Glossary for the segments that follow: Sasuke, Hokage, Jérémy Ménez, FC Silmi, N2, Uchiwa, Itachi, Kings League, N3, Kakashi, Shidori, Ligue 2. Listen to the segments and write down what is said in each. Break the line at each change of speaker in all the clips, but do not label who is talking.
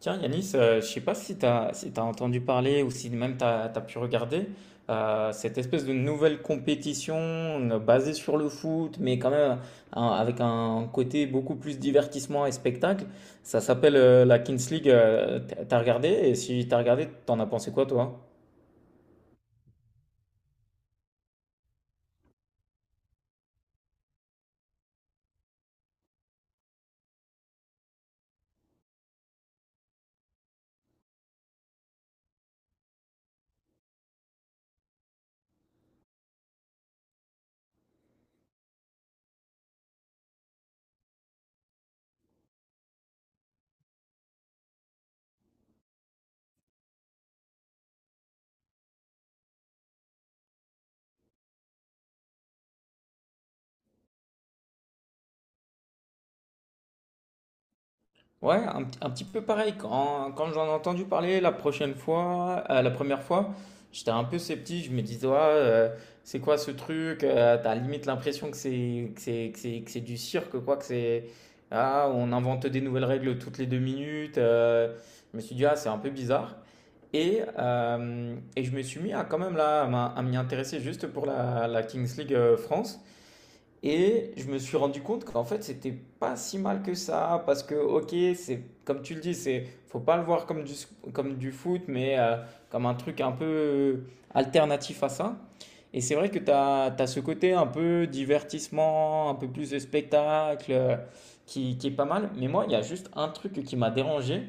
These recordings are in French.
Tiens, Yanis, je sais pas si tu as, si t'as entendu parler ou si même tu as, pu regarder cette espèce de nouvelle compétition basée sur le foot, mais quand même avec un côté beaucoup plus divertissement et spectacle. Ça s'appelle la Kings League. T'as regardé? Et si t'as regardé, t'en as pensé quoi, toi? Ouais, un petit peu pareil. Quand j'en ai entendu parler la prochaine fois, la première fois, j'étais un peu sceptique. Je me disais, ouais, c'est quoi ce truc? T'as limite l'impression que c'est du cirque, quoi. Que c'est ah, on invente des nouvelles règles toutes les deux minutes. Je me suis dit, ah, c'est un peu bizarre. Et je me suis mis à quand même là à m'y intéresser juste pour la Kings League France. Et je me suis rendu compte qu'en fait, c'était pas si mal que ça, parce que, ok, c'est comme tu le dis, c'est faut pas le voir comme comme du foot, mais comme un truc un peu alternatif à ça. Et c'est vrai que tu as, ce côté un peu divertissement, un peu plus de spectacle, qui est pas mal. Mais moi, il y a juste un truc qui m'a dérangé,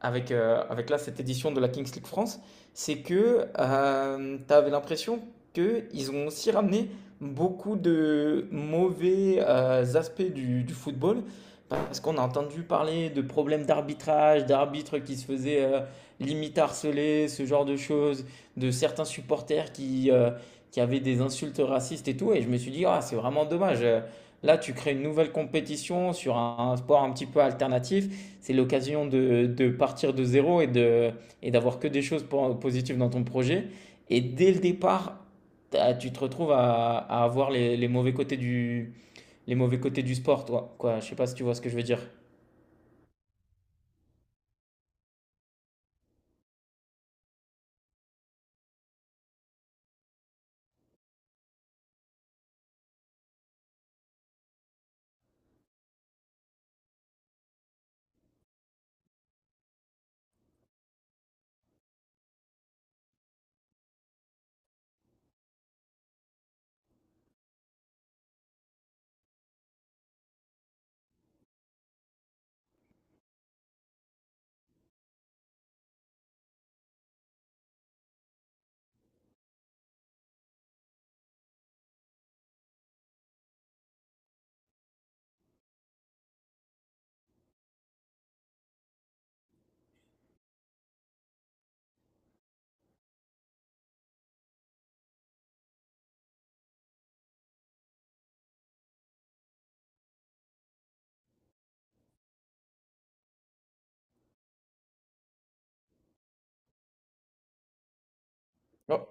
avec là, cette édition de la Kings League France, c'est que, tu avais l'impression qu'ils ont aussi ramené beaucoup de mauvais, aspects du football. Parce qu'on a entendu parler de problèmes d'arbitrage, d'arbitres qui se faisaient, limite harceler, ce genre de choses, de certains supporters qui avaient des insultes racistes et tout. Et je me suis dit: «Ah, c'est vraiment dommage, là tu crées une nouvelle compétition sur un sport un petit peu alternatif, c'est l'occasion de partir de zéro et de, et d'avoir que des choses positives dans ton projet. Et dès le départ, tu te retrouves à avoir les mauvais côtés du, les mauvais côtés du sport, toi. Quoi, je ne sais pas si tu vois ce que je veux dire. Oh,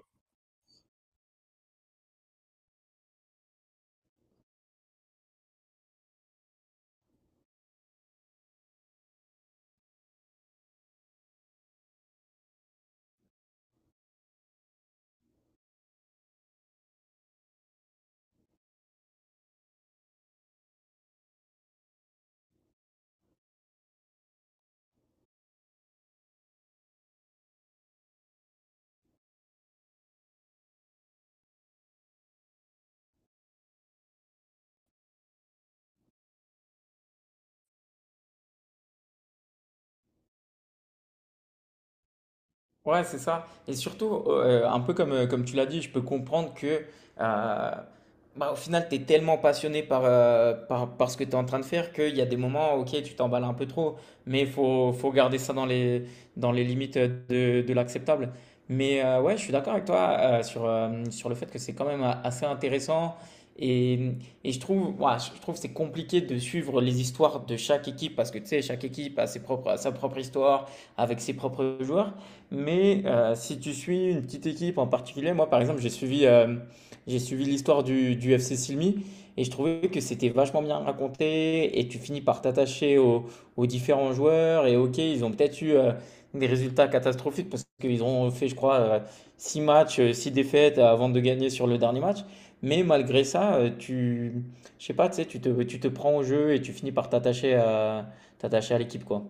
ouais, c'est ça. Et surtout, un peu comme, comme tu l'as dit, je peux comprendre que euh, bah, au final, tu es tellement passionné par, par ce que tu es en train de faire qu'il y a des moments, ok, tu t'emballes un peu trop, mais il faut, faut garder ça dans dans les limites de l'acceptable. Mais ouais, je suis d'accord avec toi sur le fait que c'est quand même assez intéressant. Et, et je trouve, ouais, je trouve que c'est compliqué de suivre les histoires de chaque équipe parce que tu sais, chaque équipe a sa propre histoire avec ses propres joueurs. Mais si tu suis une petite équipe en particulier, moi par exemple, j'ai suivi l'histoire du FC Silmi et je trouvais que c'était vachement bien raconté et tu finis par aux différents joueurs. Et ok, ils ont peut-être eu des résultats catastrophiques parce qu'ils ont fait, je crois, 6 matchs, 6 défaites avant de gagner sur le dernier match. Mais malgré ça, je sais pas, tu sais, tu te prends au jeu et tu finis par t'attacher à l'équipe, quoi.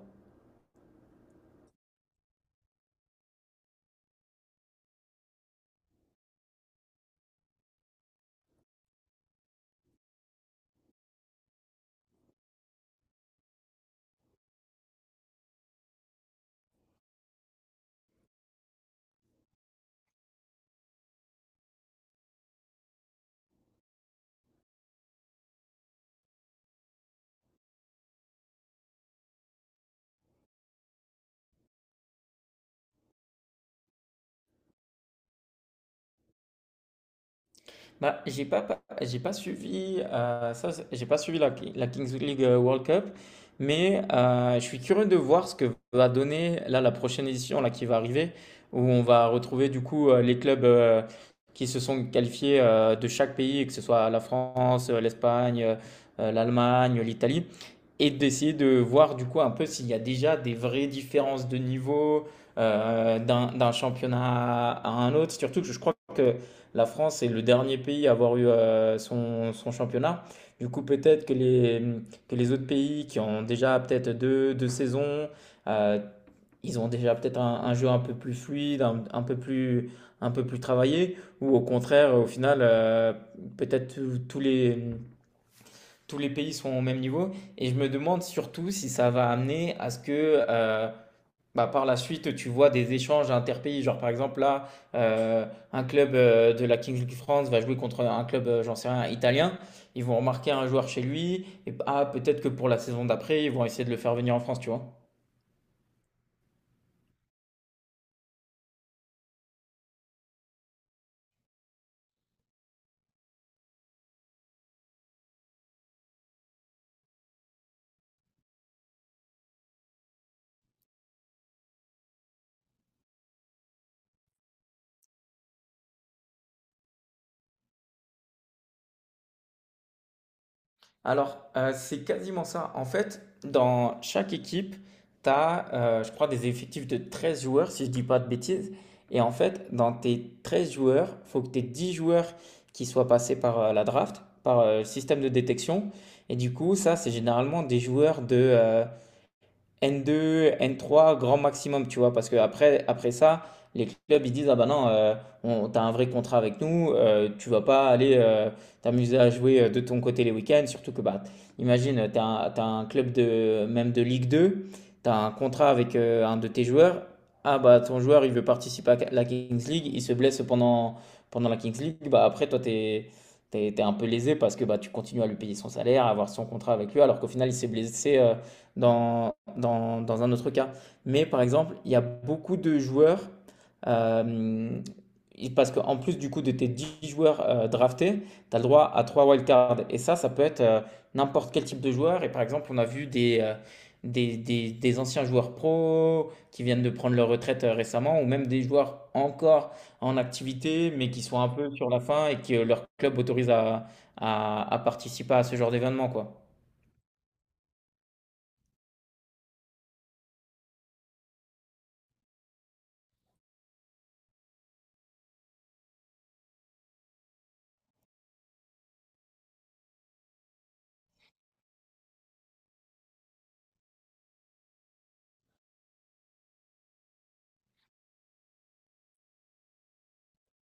Bah, j'ai pas suivi, j'ai pas suivi la Kings League World Cup, mais je suis curieux de voir ce que va donner là la prochaine édition là qui va arriver, où on va retrouver du coup les clubs qui se sont qualifiés de chaque pays, que ce soit la France, l'Espagne, l'Allemagne, l'Italie, et d'essayer de voir du coup un peu s'il y a déjà des vraies différences de niveau d'un championnat à un autre. Surtout que je crois que la France est le dernier pays à avoir eu son championnat. Du coup, peut-être que que les autres pays qui ont déjà peut-être deux saisons, euh, ils ont déjà peut-être un jeu un peu plus fluide, un peu plus travaillé, ou au contraire, au final, peut-être tous les pays sont au même niveau. Et je me demande surtout si ça va amener à ce que bah, par la suite, tu vois des échanges interpays. Genre, par exemple, euh, un club de la Kings League France va jouer contre un club, j'en sais rien, italien. Ils vont remarquer un joueur chez lui. Et ah, peut-être que pour la saison d'après, ils vont essayer de le faire venir en France, tu vois. Alors, c'est quasiment ça. En fait, dans chaque équipe, tu as, je crois des effectifs de 13 joueurs, si je dis pas de bêtises, et en fait, dans tes 13 joueurs, il faut que tu aies 10 joueurs qui soient passés par, la draft, par, le système de détection, et du coup, ça, c'est généralement des joueurs de, N2, N3, grand maximum, tu vois, parce après ça, les clubs ils disent, ah bah non, t'as un vrai contrat avec nous, tu vas pas aller t'amuser à jouer de ton côté les week-ends, surtout que bah, imagine, t'as un club de même de Ligue 2, t'as un contrat avec un de tes joueurs, ah bah ton joueur il veut participer à la Kings League, il se blesse pendant, pendant la Kings League, bah après t'es un peu lésé parce que bah, tu continues à lui payer son salaire, à avoir son contrat avec lui, alors qu'au final il s'est blessé dans un autre cas. Mais par exemple, il y a beaucoup de joueurs, euh, parce qu'en plus du coup de tes 10 joueurs draftés, tu as le droit à 3 wildcards. Et ça peut être n'importe quel type de joueur. Et par exemple, on a vu des anciens joueurs pro qui viennent de prendre leur retraite récemment, ou même des joueurs encore en activité, mais qui sont un peu sur la fin et que leur club autorise à participer à ce genre d'événement, quoi.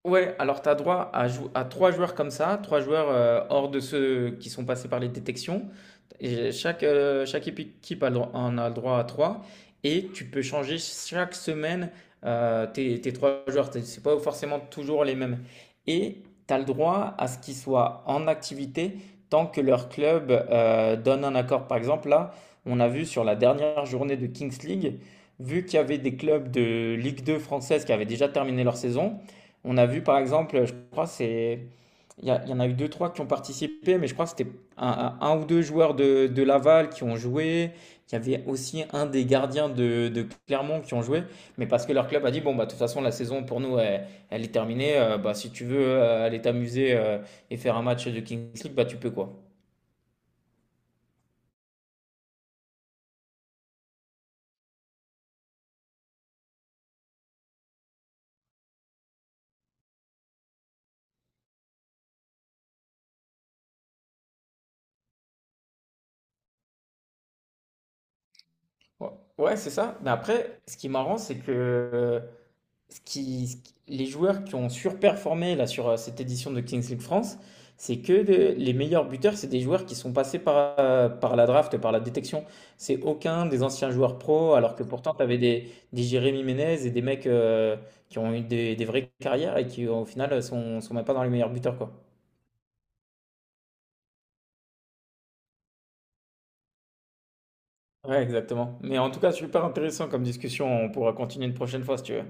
Ouais, alors tu as droit à trois joueurs comme ça, 3 joueurs hors de ceux qui sont passés par les détections. Et chaque équipe en a le droit à 3. Et tu peux changer chaque semaine tes 3 joueurs. C'est pas forcément toujours les mêmes. Et tu as le droit à ce qu'ils soient en activité tant que leur club donne un accord. Par exemple, là, on a vu sur la dernière journée de Kings League, vu qu'il y avait des clubs de Ligue 2 française qui avaient déjà terminé leur saison. On a vu par exemple, je crois c'est il y en a eu deux trois qui ont participé, mais je crois que c'était un ou deux joueurs de Laval qui ont joué. Il y avait aussi un des gardiens de Clermont qui ont joué, mais parce que leur club a dit bon bah de toute façon la saison pour nous elle, elle est terminée. Bah si tu veux aller t'amuser et faire un match de Kings League bah tu peux quoi. Ouais, ouais, c'est ça. Mais après ce qui est marrant c'est que les joueurs qui ont surperformé là sur cette édition de Kings League France, c'est que les meilleurs buteurs, c'est des joueurs qui sont passés par la draft, par la détection. C'est aucun des anciens joueurs pro, alors que pourtant tu avais des Jérémy Ménez et des mecs qui ont eu des vraies carrières et qui au final sont même pas dans les meilleurs buteurs quoi. Ouais, exactement. Mais en tout cas, super intéressant comme discussion. On pourra continuer une prochaine fois si tu veux.